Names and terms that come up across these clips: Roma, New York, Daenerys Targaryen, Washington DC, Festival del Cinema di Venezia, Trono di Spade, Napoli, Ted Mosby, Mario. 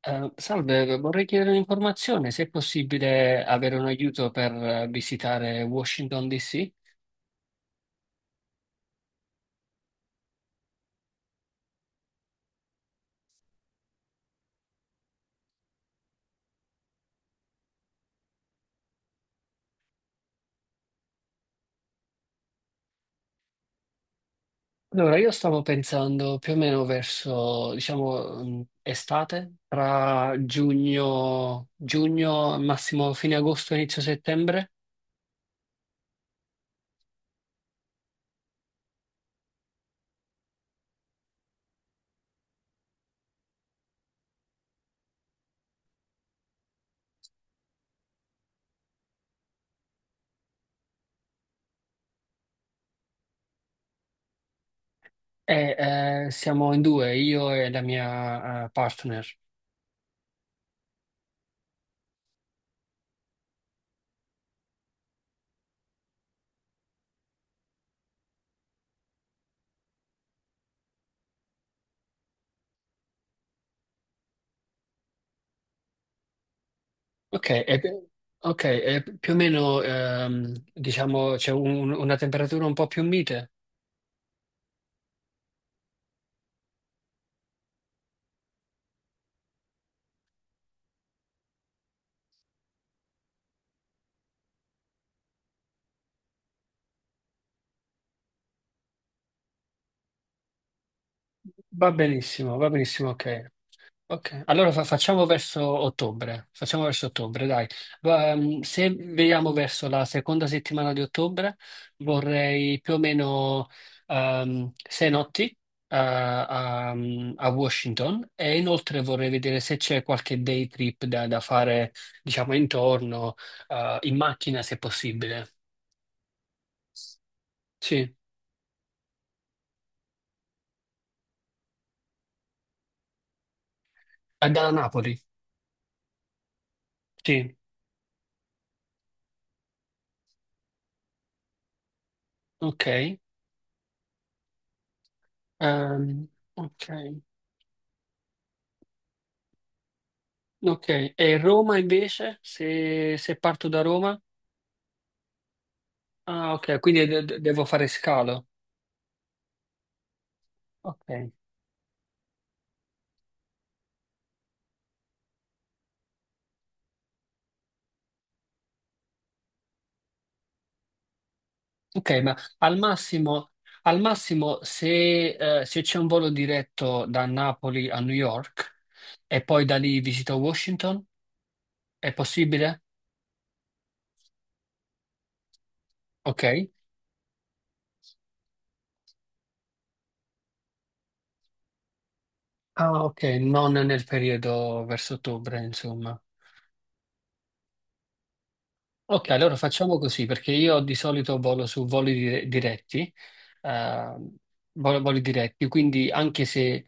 Salve, vorrei chiedere un'informazione, se è possibile avere un aiuto per visitare Washington DC. Allora, io stavo pensando più o meno verso, diciamo, estate, tra giugno, massimo fine agosto, inizio settembre, e siamo in due, io e la mia partner. Ok, e, ok, e più o meno, diciamo, c'è una temperatura un po' più mite. Va benissimo, ok. Ok, allora facciamo verso ottobre, dai. Se vediamo verso la seconda settimana di ottobre, vorrei più o meno 6 notti a Washington e inoltre vorrei vedere se c'è qualche day trip da fare, diciamo, intorno, in macchina se possibile. Sì, da Napoli, sì, ok. Ehm, ok. Ok, e Roma invece, se parto da Roma? Ah, ok, quindi devo fare scalo. Ok, ok, ma al massimo se c'è un volo diretto da Napoli a New York e poi da lì visito Washington, è possibile? Ok. Ah, ok, non nel periodo verso ottobre, insomma. Ok, allora facciamo così, perché io di solito volo su voli diretti, eh, voli diretti, quindi anche se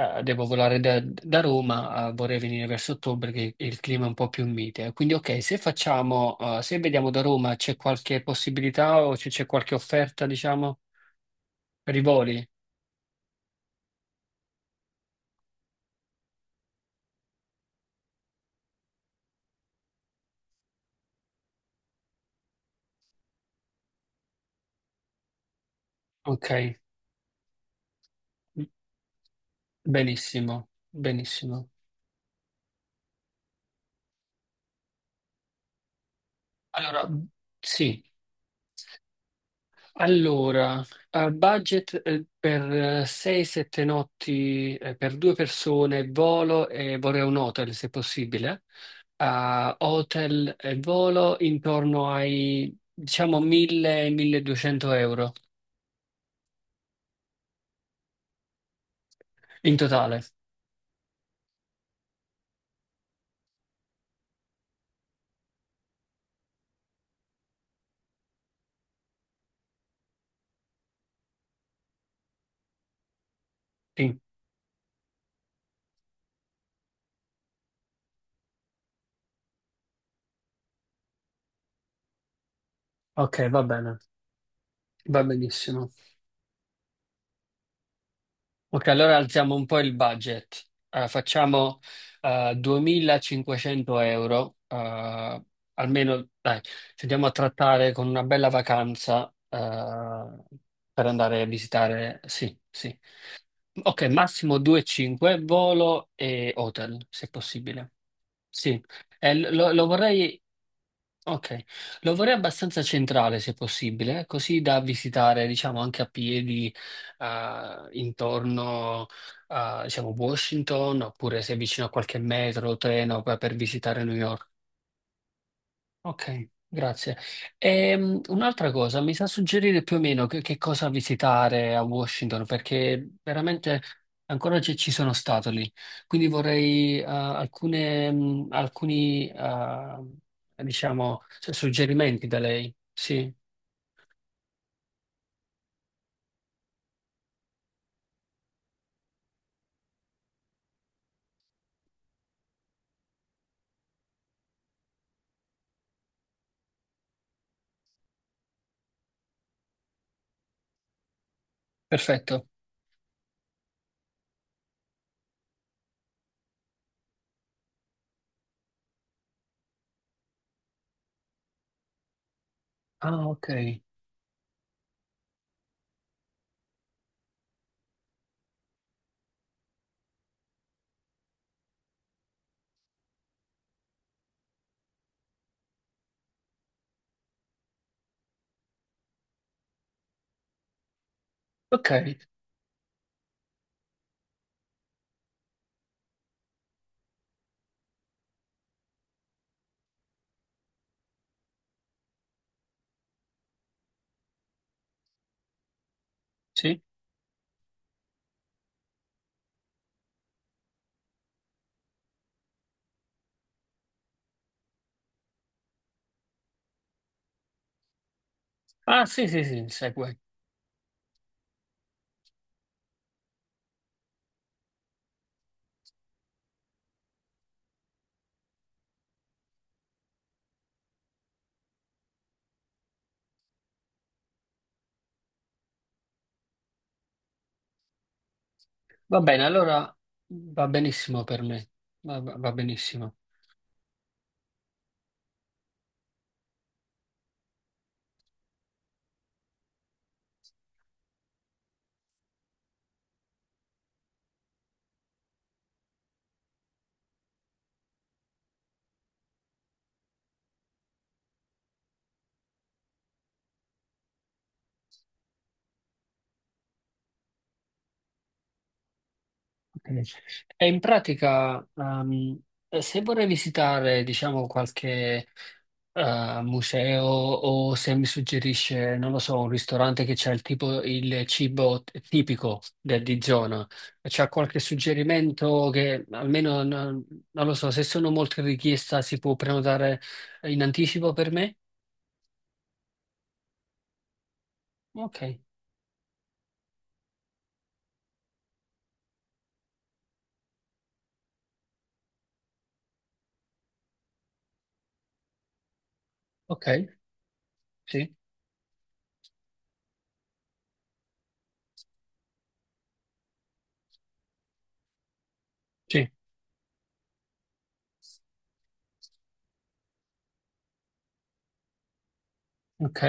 Devo volare da Roma, vorrei venire verso ottobre che il clima è un po' più mite. Quindi, ok, se vediamo da Roma, c'è qualche possibilità o c'è qualche offerta, diciamo, per i voli? Ok, benissimo, benissimo. Allora, sì. Allora, a budget per 6-7 notti per due persone, volo e vorrei un hotel se possibile. A hotel e volo intorno ai diciamo 1000-1200 euro in totale. Sì. Ok, va bene, va benissimo. Ok, allora alziamo un po' il budget. Facciamo 2500 euro, almeno dai, ci andiamo a trattare con una bella vacanza per andare a visitare. Sì, sì. Ok, massimo 2,5, volo e hotel, se possibile. Sì. Lo, lo vorrei Ok, lo vorrei abbastanza centrale se possibile, così da visitare, diciamo, anche a piedi intorno a, diciamo, Washington, oppure se è vicino a qualche metro o treno per visitare New York. Ok, grazie. Un'altra cosa, mi sa suggerire più o meno che cosa visitare a Washington, perché veramente ancora ci sono stato lì. Quindi vorrei alcuni, diciamo, suggerimenti da lei. Sì, perfetto. Ah, ok. Ok, sì. Ah, sì, sì, sì, segue. Va bene, allora va benissimo per me. Va benissimo. Ok. E in pratica, se vorrei visitare, diciamo, qualche museo o se mi suggerisce, non lo so, un ristorante che c'ha il cibo tipico di zona, c'ha qualche suggerimento che almeno non lo so, se sono molte richieste si può prenotare in anticipo per me? Ok, ok, sì, sì, ok.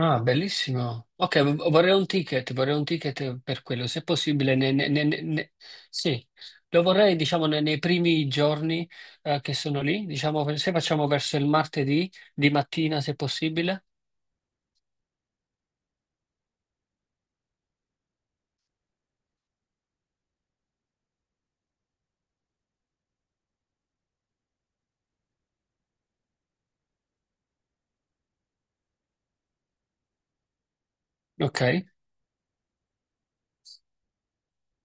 Ah, bellissimo. Ok, vorrei un ticket per quello, se possibile. Sì, lo vorrei, diciamo, nei primi giorni, che sono lì, diciamo, se facciamo verso il martedì di mattina, se possibile. Ok.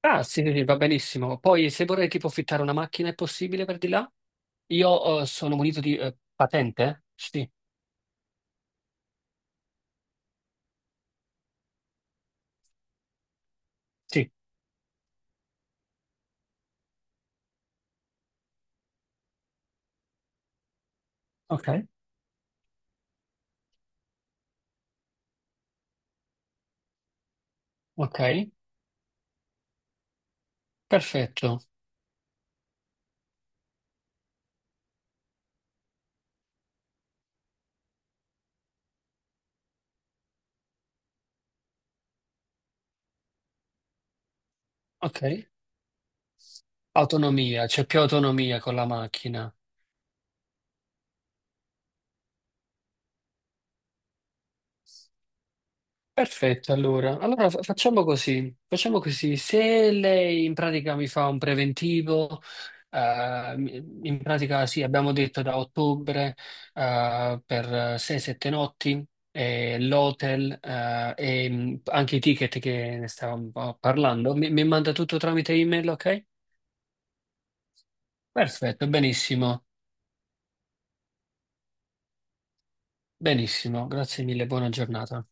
Ah, sì, sì, sì, va benissimo. Poi, se vorrei tipo affittare una macchina, è possibile per di là? Io, sono munito di, patente? Sì, sì. Ok. Ok, perfetto. Ok. Autonomia, c'è più autonomia con la macchina. Perfetto, allora. Allora facciamo così. Facciamo così. Se lei in pratica mi fa un preventivo, in pratica sì, abbiamo detto da ottobre, per 6-7 notti, e l'hotel, e anche i ticket che ne stavamo un po' parlando. Mi manda tutto tramite email, ok? Perfetto, benissimo. Benissimo, grazie mille, buona giornata.